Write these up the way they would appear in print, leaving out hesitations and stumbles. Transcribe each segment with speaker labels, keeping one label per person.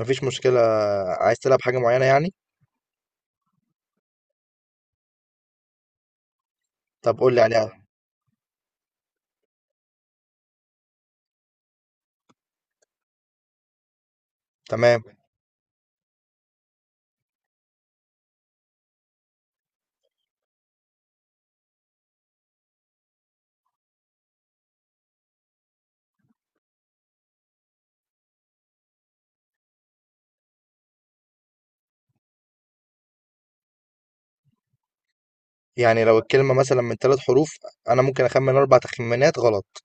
Speaker 1: مفيش مشكلة. عايز تلعب حاجة معينة يعني؟ طب قول لي عليها. تمام. يعني لو الكلمة مثلا من ثلاث حروف، أنا ممكن أخمن أربع تخمينات غلط.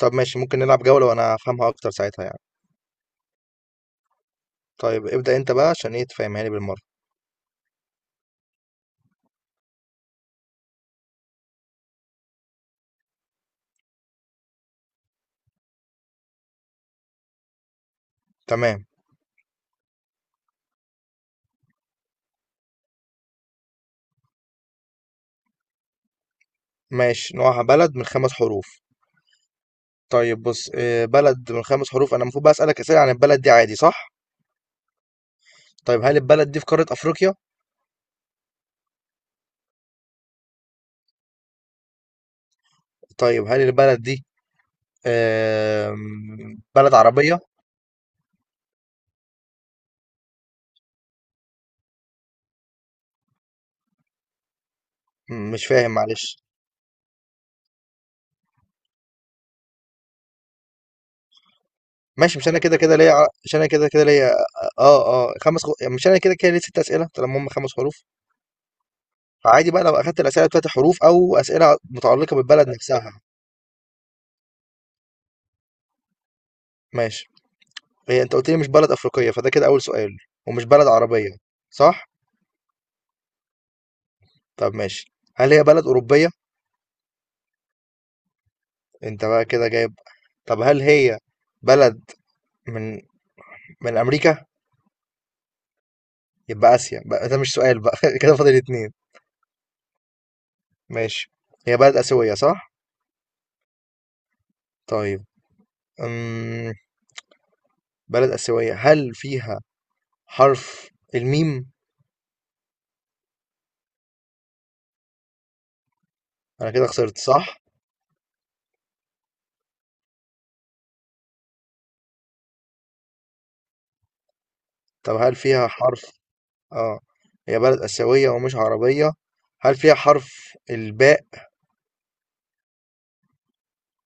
Speaker 1: طب ماشي، ممكن نلعب جولة وأنا هفهمها أكتر ساعتها يعني. طيب ابدأ أنت بقى عشان إيه تفهمها لي بالمرة. تمام ماشي، نوعها بلد من خمس حروف. طيب بص، بلد من خمس حروف، أنا المفروض بقى أسألك أسئلة عن البلد دي عادي صح؟ طيب هل البلد دي في قارة أفريقيا؟ طيب هل البلد دي بلد عربية؟ مش فاهم معلش. ماشي، مش انا كده كده ليا، مش انا كده كده ليا، اه يعني مش انا كده كده ليا ست اسئله طالما هم خمس حروف. فعادي بقى لو اخدت الاسئله بتاعت حروف او اسئله متعلقه بالبلد نفسها. ماشي. هي انت قلت لي مش بلد افريقيه، فده كده اول سؤال. ومش بلد عربيه صح؟ طب ماشي، هل هي بلد اوروبيه؟ انت بقى كده جايب. طب هل هي بلد من من امريكا؟ يبقى اسيا بقى، ده مش سؤال بقى كده فاضل اتنين. ماشي، هي بلد اسيويه صح؟ طيب أمم، بلد اسيويه، هل فيها حرف الميم؟ أنا كده خسرت صح؟ طب هل فيها حرف آه هي بلد آسيوية ومش عربية. هل فيها حرف الباء؟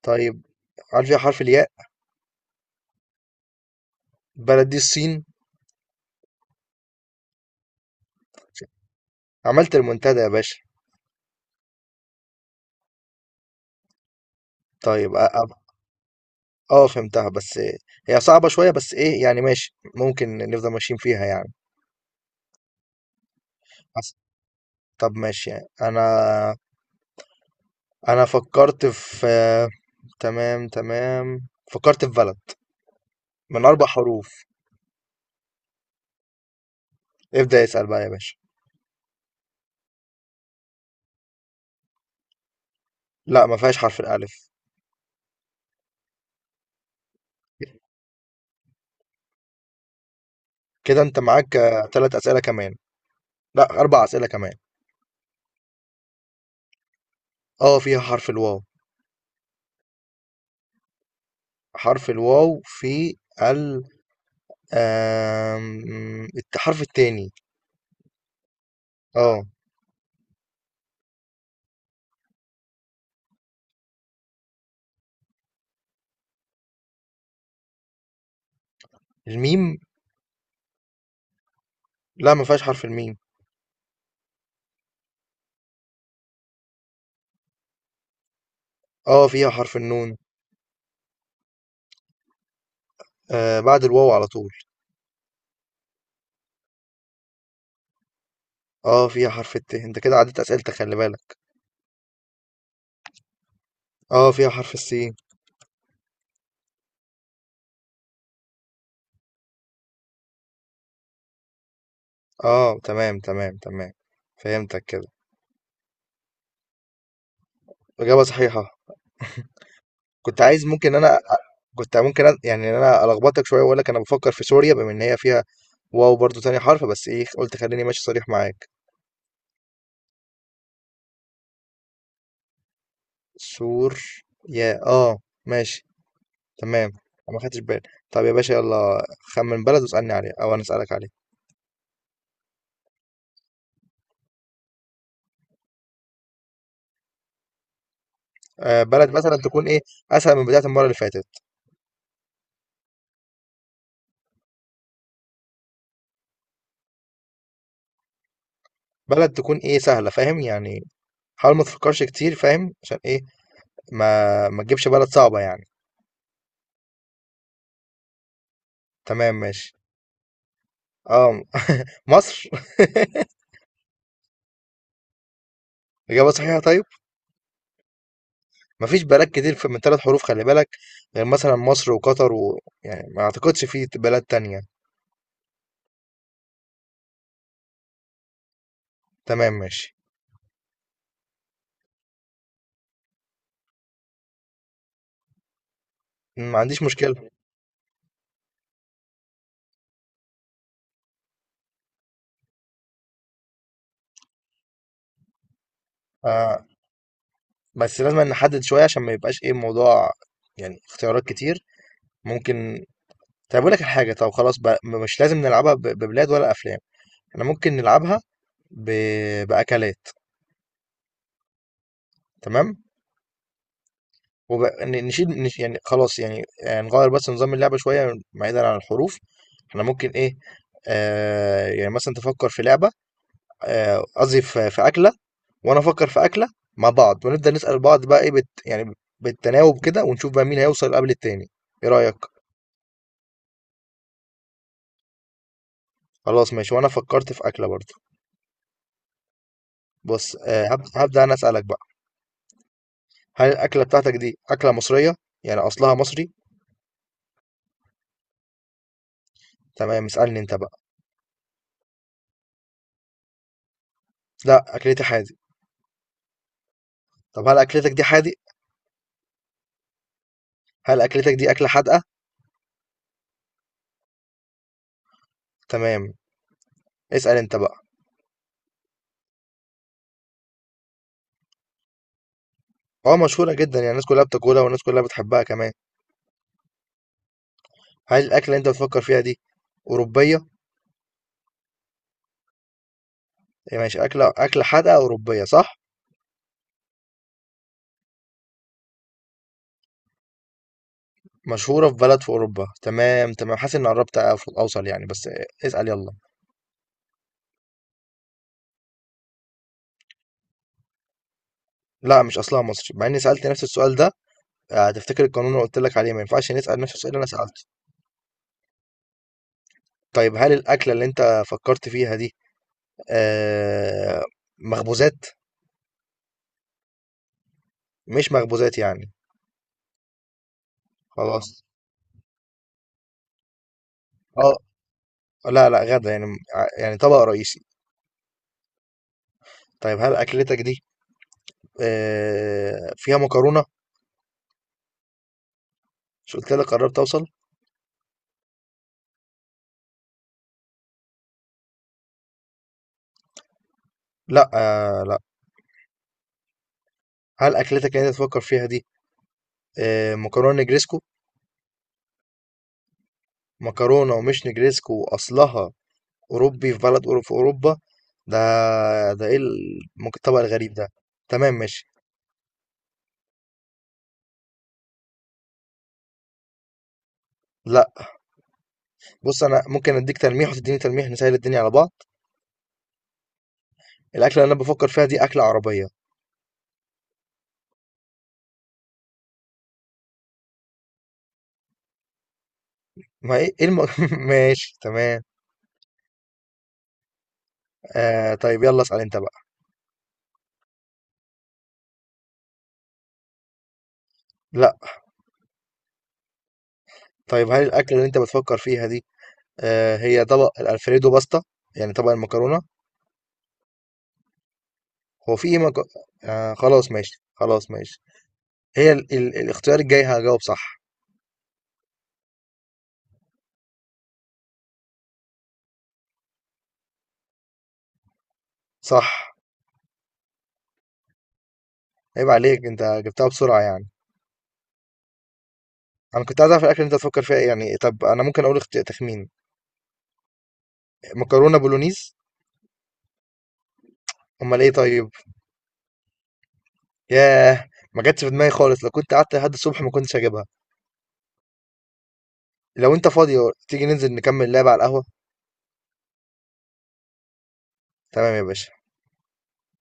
Speaker 1: طيب هل فيها حرف الياء؟ البلد دي الصين. عملت المنتدى يا باشا. طيب اه فهمتها، بس هي صعبة شوية، بس ايه يعني، ماشي ممكن نفضل ماشيين فيها يعني. حس- طب ماشي، يعني انا فكرت في، تمام تمام فكرت في بلد من اربع حروف. ابدأ اسأل بقى يا باشا. لا ما فيهاش حرف الألف. كده أنت معاك تلات أسئلة كمان. لا أربع أسئلة كمان. أه فيها حرف الواو. حرف الواو في ال آم، الحرف التاني. أه. الميم، لا ما فيهاش حرف الميم. أه فيها حرف النون. آه بعد الواو على طول. أه فيها حرف الت، أنت كده عديت أسئلتك خلي بالك. أه فيها حرف السين. أه تمام تمام تمام، فهمتك كده. إجابة صحيحة. كنت عايز، ممكن أنا كنت ممكن يعني إن أنا ألخبطك شوية وأقول لك أنا بفكر في سوريا، بما إن هي فيها واو برضو تاني حرف، بس ايه قلت خليني ماشي صريح معاك. سور، يا اه، ماشي تمام. انا ما خدتش بالي. طب يا باشا يلا، خمن بلد واسألني عليه او انا اسألك عليه. بلد مثلا تكون ايه، اسهل من بداية المرة اللي فاتت. بلد تكون ايه سهلة، فاهم يعني، حاول ما تفكرش كتير، فاهم عشان ايه، ما تجيبش بلد صعبة يعني. تمام ماشي. اه مصر. إجابة صحيحة طيب. مفيش بلد كتير من ثلاث حروف خلي بالك، غير مثلا مصر وقطر، ويعني ما اعتقدش في بلاد تانية. تمام ماشي. ما عنديش مشكلة. آه، بس لازم نحدد شوية عشان ما يبقاش ايه الموضوع، يعني اختيارات كتير. ممكن. طب اقول لك الحاجة، طب خلاص بقى مش لازم نلعبها ببلاد ولا أفلام. احنا ممكن نلعبها ب... بأكلات. تمام. ونشيل يعني خلاص يعني نغير بس نظام اللعبة شوية بعيدا عن الحروف. احنا ممكن ايه، آه يعني مثلا تفكر في لعبة، قصدي في أكلة، وانا افكر في اكله، مع بعض ونبدا نسال بعض بقى ايه يعني بالتناوب كده، ونشوف بقى مين هيوصل قبل التاني. ايه رايك؟ خلاص ماشي، وانا فكرت في اكله برضه. بص، هبدا انا اسالك بقى. هل الاكله بتاعتك دي اكله مصريه، يعني اصلها مصري؟ تمام اسالني انت بقى. لا اكلتي حادق. طب هل اكلتك دي حادق؟ هل اكلتك دي اكله حادقه؟ تمام، اسال انت بقى. اه مشهوره جدا، يعني الناس كلها بتاكلها والناس كلها بتحبها كمان. هل الاكله اللي انت بتفكر فيها دي اوروبيه؟ يعني ماشي، اكله حادقه اوروبيه صح؟ مشهورة في بلد في أوروبا، تمام تمام، حاسس إني قربت أوصل يعني، بس اسأل يلا. لا مش أصلها مصر، مع إني سألت نفس السؤال ده، هتفتكر القانون اللي قلت لك عليه، ما ينفعش نسأل نفس السؤال اللي أنا سألته. طيب هل الأكلة اللي أنت فكرت فيها دي آه، مخبوزات؟ مش مخبوزات يعني. خلاص. أه لا لا غدا يعني، يعني طبق رئيسي. طيب هل أكلتك دي فيها مكرونة؟ مش قلت لك قربت أوصل. لا، لا. هل أكلتك اللي أنت تفكر فيها دي مكرونة نجريسكو؟ مكرونة ومش نجريسكو، وأصلها أوروبي في بلد في أوروبا ده. ده إيه الطبق الغريب ده؟ تمام ماشي. لا. بص أنا ممكن أديك تلميح وتديني تلميح، نسهل الدنيا على بعض. الأكلة اللي أنا بفكر فيها دي أكلة عربية. ما إيه إيه ماشي تمام. آه طيب يلا اسأل أنت بقى. لا. طيب هل الأكلة اللي أنت بتفكر فيها دي هي طبق الألفريدو باستا، يعني طبق المكرونة؟ هو في إيه مك... آه خلاص ماشي خلاص ماشي. هي الاختيار الجاي هجاوب صح. صح. عيب عليك انت جبتها بسرعة يعني. انا كنت عايز اعرف الاكل اللي انت تفكر فيها ايه يعني. طب انا ممكن اقول تخمين. مكرونة بولونيز. امال ايه طيب. ياه، ما جاتش في دماغي خالص، لو كنت قعدت لحد الصبح ما كنتش هجيبها. لو انت فاضي، تيجي ننزل نكمل لعب على القهوة. تمام يا باشا.